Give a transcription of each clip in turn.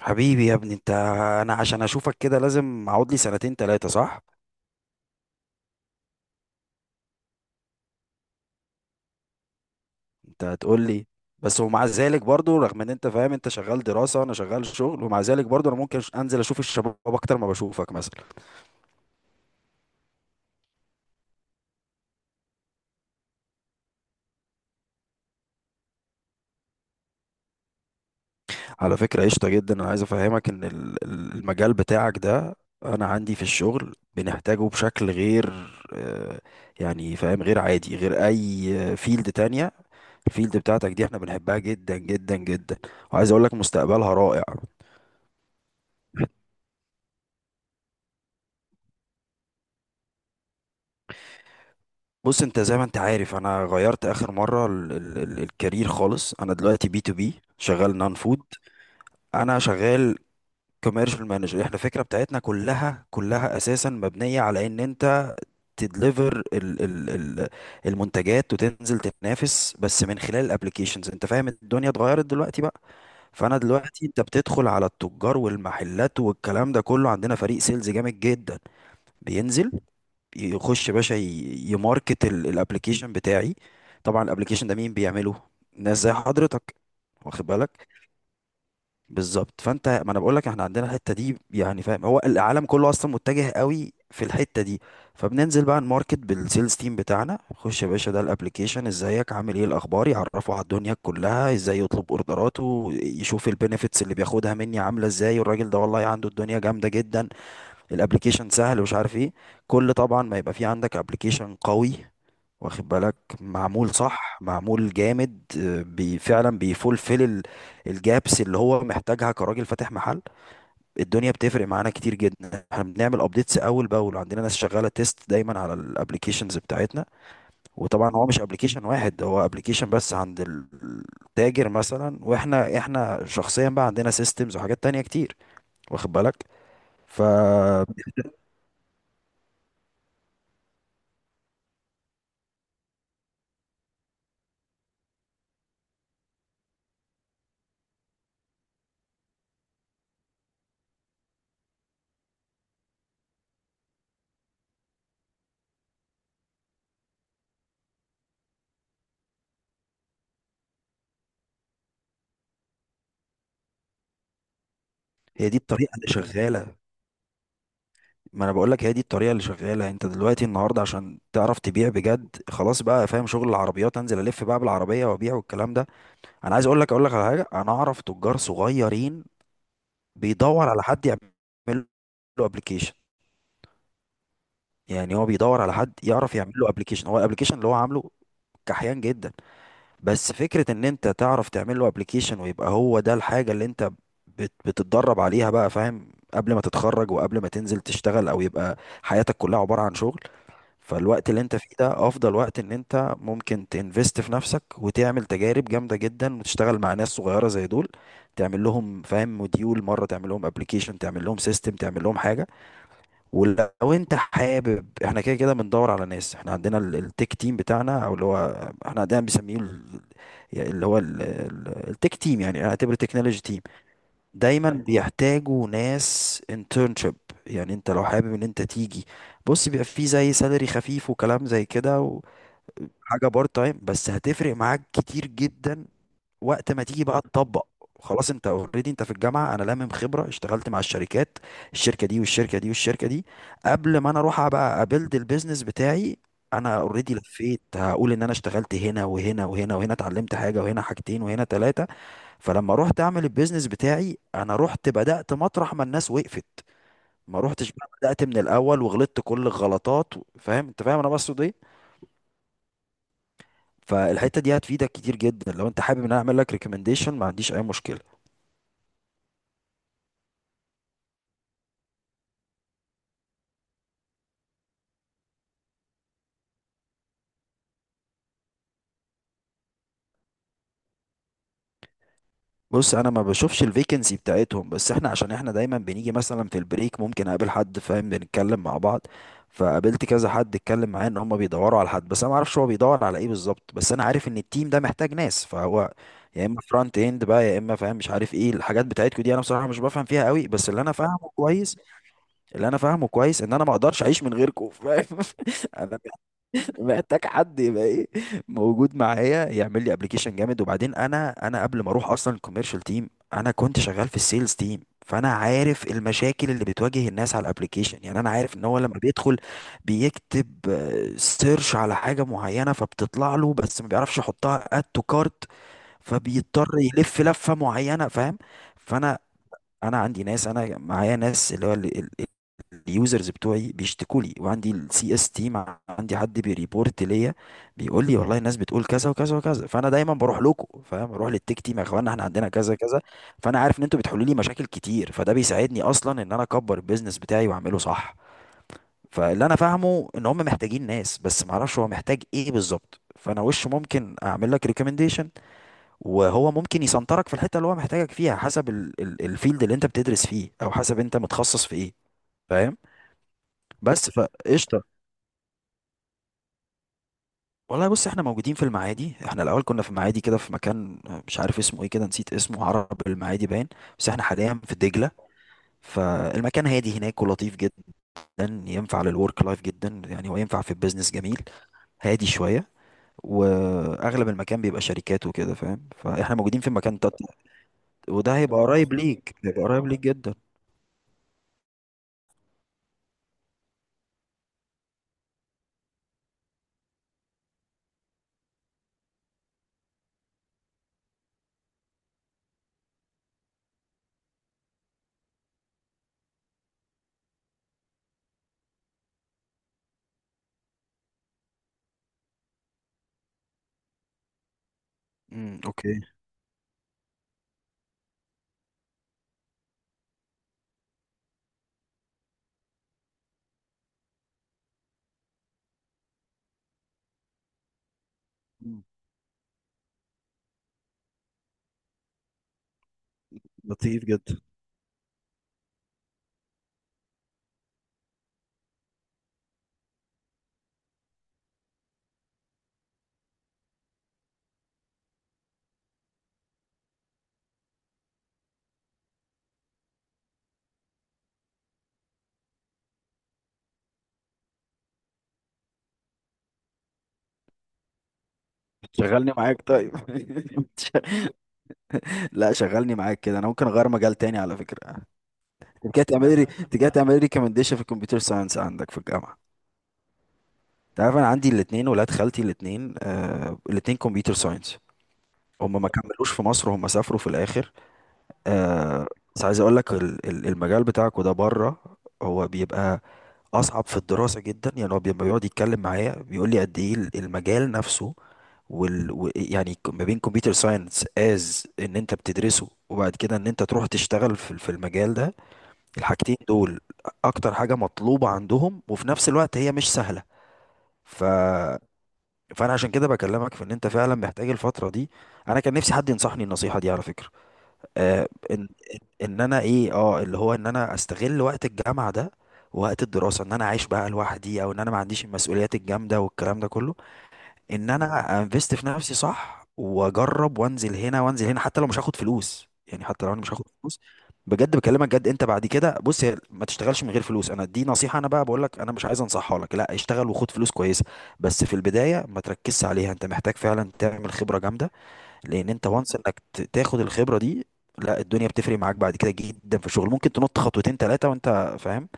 حبيبي يا ابني انت. انا عشان اشوفك كده لازم اقعد لي سنتين تلاتة صح؟ انت هتقول لي. بس ومع ذلك برضو رغم ان انت فاهم انت شغال دراسة وانا شغال شغل ومع ذلك برضو انا ممكن انزل اشوف الشباب اكتر ما بشوفك مثلا. على فكرة قشطة جدا، انا عايز افهمك ان المجال بتاعك ده انا عندي في الشغل بنحتاجه بشكل غير، آه، يعني فاهم، غير عادي، غير اي فيلد تانية. الفيلد بتاعتك دي احنا بنحبها جدا جدا جدا، وعايز اقول لك مستقبلها رائع. بص انت زي ما انت عارف انا غيرت اخر مره ال ال ال الكارير خالص. انا دلوقتي بي تو بي شغال نون فود. انا شغال كوميرشال مانجر. احنا الفكره بتاعتنا كلها كلها اساسا مبنيه على ان انت تدليفر ال ال ال المنتجات وتنزل تنافس بس من خلال الابليكيشنز. انت فاهم الدنيا اتغيرت دلوقتي بقى. فانا دلوقتي انت بتدخل على التجار والمحلات والكلام ده كله، عندنا فريق سيلز جامد جدا بينزل يخش يا باشا يماركت الابلكيشن بتاعي. طبعا الابلكيشن ده مين بيعمله؟ ناس زي حضرتك، واخد بالك؟ بالظبط. فانت ما انا بقول لك احنا عندنا الحته دي، يعني فاهم، هو العالم كله اصلا متجه قوي في الحته دي. فبننزل بقى نماركت بالسيلز تيم بتاعنا، خش يا باشا ده الابلكيشن، ازيك عامل ايه الاخبار، يعرفه على الدنيا كلها ازاي يطلب اوردراته، يشوف البينيفيتس اللي بياخدها مني عامله ازاي، والراجل ده والله عنده الدنيا جامده جدا. الابليكيشن سهل ومش عارف ايه. كل طبعا ما يبقى في عندك ابليكيشن قوي، واخد بالك، معمول صح معمول جامد، بي فعلا بيفولفل الجابس اللي هو محتاجها كراجل فاتح محل. الدنيا بتفرق معانا كتير جدا، احنا بنعمل ابديتس اول باول، عندنا ناس شغاله تيست دايما على الابليكيشنز بتاعتنا. وطبعا هو مش ابليكيشن واحد، هو ابليكيشن بس عند التاجر مثلا، واحنا شخصيا بقى عندنا سيستمز وحاجات تانية كتير، واخد بالك؟ فهي دي الطريقه اللي شغاله، ما انا بقول لك هي دي الطريقه اللي شغاله. انت دلوقتي النهارده عشان تعرف تبيع بجد خلاص بقى فاهم شغل العربيات، انزل الف بقى بالعربيه وابيع والكلام ده. انا عايز اقول لك على حاجه. انا اعرف تجار صغيرين بيدور على حد يعمل له ابلكيشن. يعني هو بيدور على حد يعرف يعمل له ابلكيشن. هو الابلكيشن اللي هو عامله كحيان جدا، بس فكره ان انت تعرف تعمل له ابلكيشن ويبقى هو ده الحاجه اللي انت بتتدرب عليها بقى، فاهم، قبل ما تتخرج وقبل ما تنزل تشتغل، او يبقى حياتك كلها عباره عن شغل. فالوقت اللي انت فيه ده افضل وقت ان انت ممكن تنفست في نفسك وتعمل تجارب جامده جدا وتشتغل مع ناس صغيره زي دول. تعمل لهم، فاهم، موديول مره، تعمل لهم ابلكيشن، تعمل لهم سيستم، تعمل لهم حاجه. ولو انت حابب، احنا كده كده بندور على ناس. احنا عندنا التك تيم بتاعنا، او اللي هو احنا عندنا بنسميه يعني اللي هو التك تيم، يعني اعتبر تكنولوجي تيم، دايما بيحتاجوا ناس internship. يعني انت لو حابب ان انت تيجي، بص بيبقى فيه زي سالري خفيف وكلام زي كده، وحاجة بارت تايم، بس هتفرق معاك كتير جدا وقت ما تيجي بقى تطبق. خلاص انت اوريدي انت في الجامعة، انا لامم خبرة، اشتغلت مع الشركات الشركة دي والشركة دي والشركة دي. قبل ما انا اروح بقى ابيلد البيزنس بتاعي، انا اوريدي لفيت، هقول ان انا اشتغلت هنا وهنا وهنا وهنا، اتعلمت حاجة وهنا حاجتين وهنا ثلاثة. فلما رحت اعمل البيزنس بتاعي، انا رحت بدأت مطرح ما الناس وقفت، ما رحتش بقى بدأت من الاول وغلطت كل الغلطات فاهم، انت فاهم انا بقصد ايه. فالحته دي هتفيدك كتير جدا. لو انت حابب ان انا اعمل لك ريكومنديشن ما عنديش اي مشكله. بص انا ما بشوفش الفيكنسي بتاعتهم، بس احنا عشان احنا دايما بنيجي مثلا في البريك، ممكن اقابل حد، فاهم، بنتكلم مع بعض. فقابلت كذا حد اتكلم معاه ان هم بيدوروا على حد، بس انا ما اعرفش هو بيدور على ايه بالظبط، بس انا عارف ان التيم ده محتاج ناس. فهو يا اما فرونت اند بقى يا اما فاهم مش عارف ايه الحاجات بتاعتكم دي. انا بصراحة مش بفهم فيها قوي، بس اللي انا فاهمه كويس ان انا ما اقدرش اعيش من غيركم، فاهم. انا محتاج حد يبقى ايه، موجود معايا يعمل لي ابلكيشن جامد. وبعدين انا قبل ما اروح اصلا الكوميرشال تيم انا كنت شغال في السيلز تيم. فانا عارف المشاكل اللي بتواجه الناس على الابلكيشن. يعني انا عارف ان هو لما بيدخل بيكتب سيرش على حاجه معينه فبتطلع له، بس ما بيعرفش يحطها اد تو كارت، فبيضطر يلف لفه معينه، فاهم. فانا انا عندي ناس، انا معايا ناس، اللي هو اليوزرز بتوعي بيشتكوا لي، وعندي السي اس تيم، عندي حد بيريبورت ليا، بيقول لي والله الناس بتقول كذا وكذا وكذا. فانا دايما بروح لكم، فاهم، بروح للتك تيم، يا اخوان احنا عندنا كذا كذا. فانا عارف ان انتوا بتحلوا لي مشاكل كتير، فده بيساعدني اصلا ان انا اكبر البيزنس بتاعي واعمله صح. فاللي انا فاهمه ان هم محتاجين ناس، بس ما اعرفش هو محتاج ايه بالظبط. فانا وش ممكن اعمل لك ريكومنديشن وهو ممكن يسنطرك في الحته اللي هو محتاجك فيها، حسب الفيلد اللي انت بتدرس فيه او حسب انت متخصص في ايه، فاهم، بس. فقشطه. والله بص احنا موجودين في المعادي. احنا الاول كنا في المعادي كده في مكان، مش عارف اسمه ايه كده، نسيت اسمه، عرب المعادي باين، بس احنا حاليا في دجله. فالمكان هادي هناك ولطيف جدا، ينفع للورك لايف جدا يعني، وينفع في البيزنس جميل، هادي شويه، واغلب المكان بيبقى شركات وكده، فاهم، فاحنا موجودين في مكان وده هيبقى قريب ليك، هيبقى قريب ليك جدا. امم، اوكي. مم. لطيف جدا. شغلني معاك طيب. لا شغلني معاك كده، انا ممكن اغير مجال تاني على فكره. انت جاي تعمل لي ريكومنديشن في الكمبيوتر ساينس عندك في الجامعه. انت عارف انا عندي الاثنين ولاد خالتي الاثنين، الاثنين كمبيوتر ساينس، هم ما كملوش في مصر، هم سافروا في الاخر. آه. بس عايز اقول لك المجال بتاعك وده بره، هو بيبقى اصعب في الدراسه جدا، يعني هو بيبقى بيقعد يتكلم معايا بيقول لي قد ايه المجال نفسه يعني ما بين كمبيوتر ساينس از ان انت بتدرسه وبعد كده ان انت تروح تشتغل في في المجال ده، الحاجتين دول اكتر حاجة مطلوبة عندهم وفي نفس الوقت هي مش سهلة. ف... فانا عشان كده بكلمك في ان انت فعلا محتاج الفترة دي، انا كان نفسي حد ينصحني النصيحة دي على فكرة. ان ان انا ايه اه اللي هو ان انا استغل وقت الجامعة ده، ووقت الدراسة ان انا عايش بقى لوحدي، او ان انا ما عنديش المسؤوليات الجامدة والكلام ده كله، ان انا انفست في نفسي صح واجرب وانزل هنا وانزل هنا، حتى لو مش هاخد فلوس، يعني حتى لو انا مش هاخد فلوس بجد. بكلمك جد، انت بعد كده بص هي ما تشتغلش من غير فلوس، انا دي نصيحة انا بقى بقول لك، انا مش عايز انصحها لك لا اشتغل وخد فلوس كويسة، بس في البداية ما تركزش عليها. انت محتاج فعلا تعمل خبرة جامدة لان انت وانس انك تاخد الخبرة دي. لا الدنيا بتفرق معاك بعد كده جدا، في الشغل ممكن تنط خطوتين ثلاثة وانت فاهم،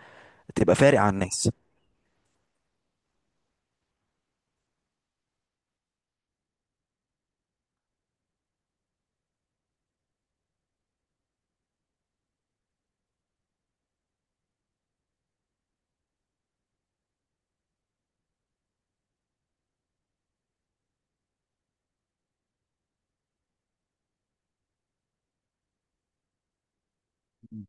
تبقى فارق عن الناس. مم.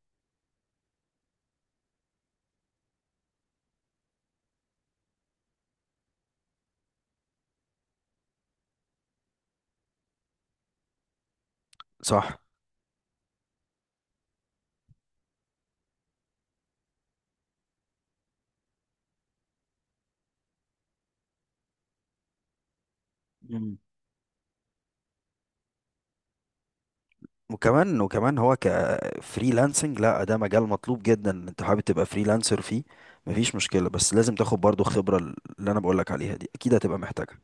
صح. وكمان هو كفريلانسنج لا ده مجال مطلوب جدا، انت حابب تبقى فريلانسر فيه مفيش مشكلة، بس لازم تاخد برضو خبرة اللي انا بقولك عليها دي اكيد هتبقى محتاجها.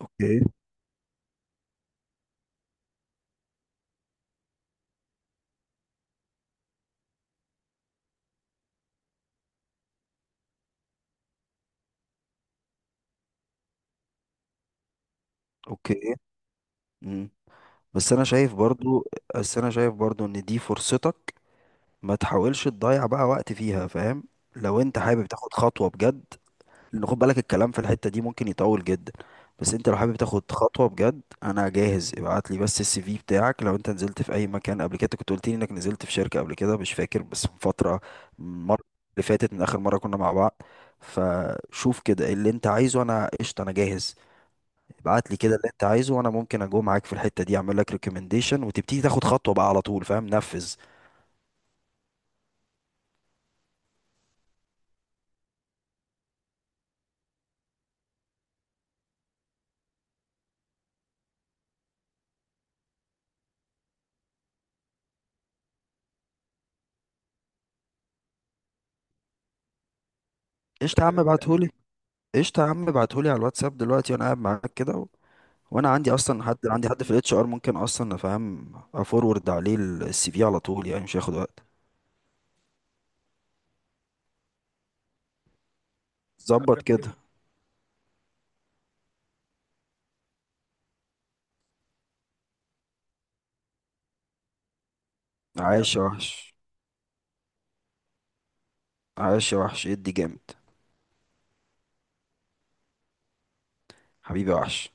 اوكي. اوكي. مم. بس انا شايف برضو بس انا شايف برضو ان دي فرصتك، ما تحاولش تضيع بقى وقت فيها، فاهم، لو انت حابب تاخد خطوة بجد، لأن خد بالك الكلام في الحتة دي ممكن يطول جدا. بس انت لو حابب تاخد خطوة بجد انا جاهز. ابعت لي بس السي في بتاعك، لو انت نزلت في اي مكان قبل كده، أنت كنت قلت لي انك نزلت في شركة قبل كده، مش فاكر بس من فترة، المرة اللي فاتت من اخر مرة كنا مع بعض. فشوف كده إيه اللي انت عايزه، انا قشطة، انا جاهز. ابعت لي كده اللي انت عايزه وانا ممكن اجو معاك في الحتة دي، اعمل لك ريكومنديشن وتبتدي تاخد خطوة بقى على طول، فاهم، نفذ. قشطة يا عم ابعتهولي. قشطة يا عم ابعتهولي على الواتساب دلوقتي وانا قاعد معاك كده. وانا عندي اصلا حد، عندي حد في الاتش ار ممكن اصلا افهم افورورد عليه السي في على طول، يعني مش هياخد وقت. طب ظبط جميل كده. جميل، عايش يا وحش. عايش يا وحش ادي جامد. حبيبي يا وحش.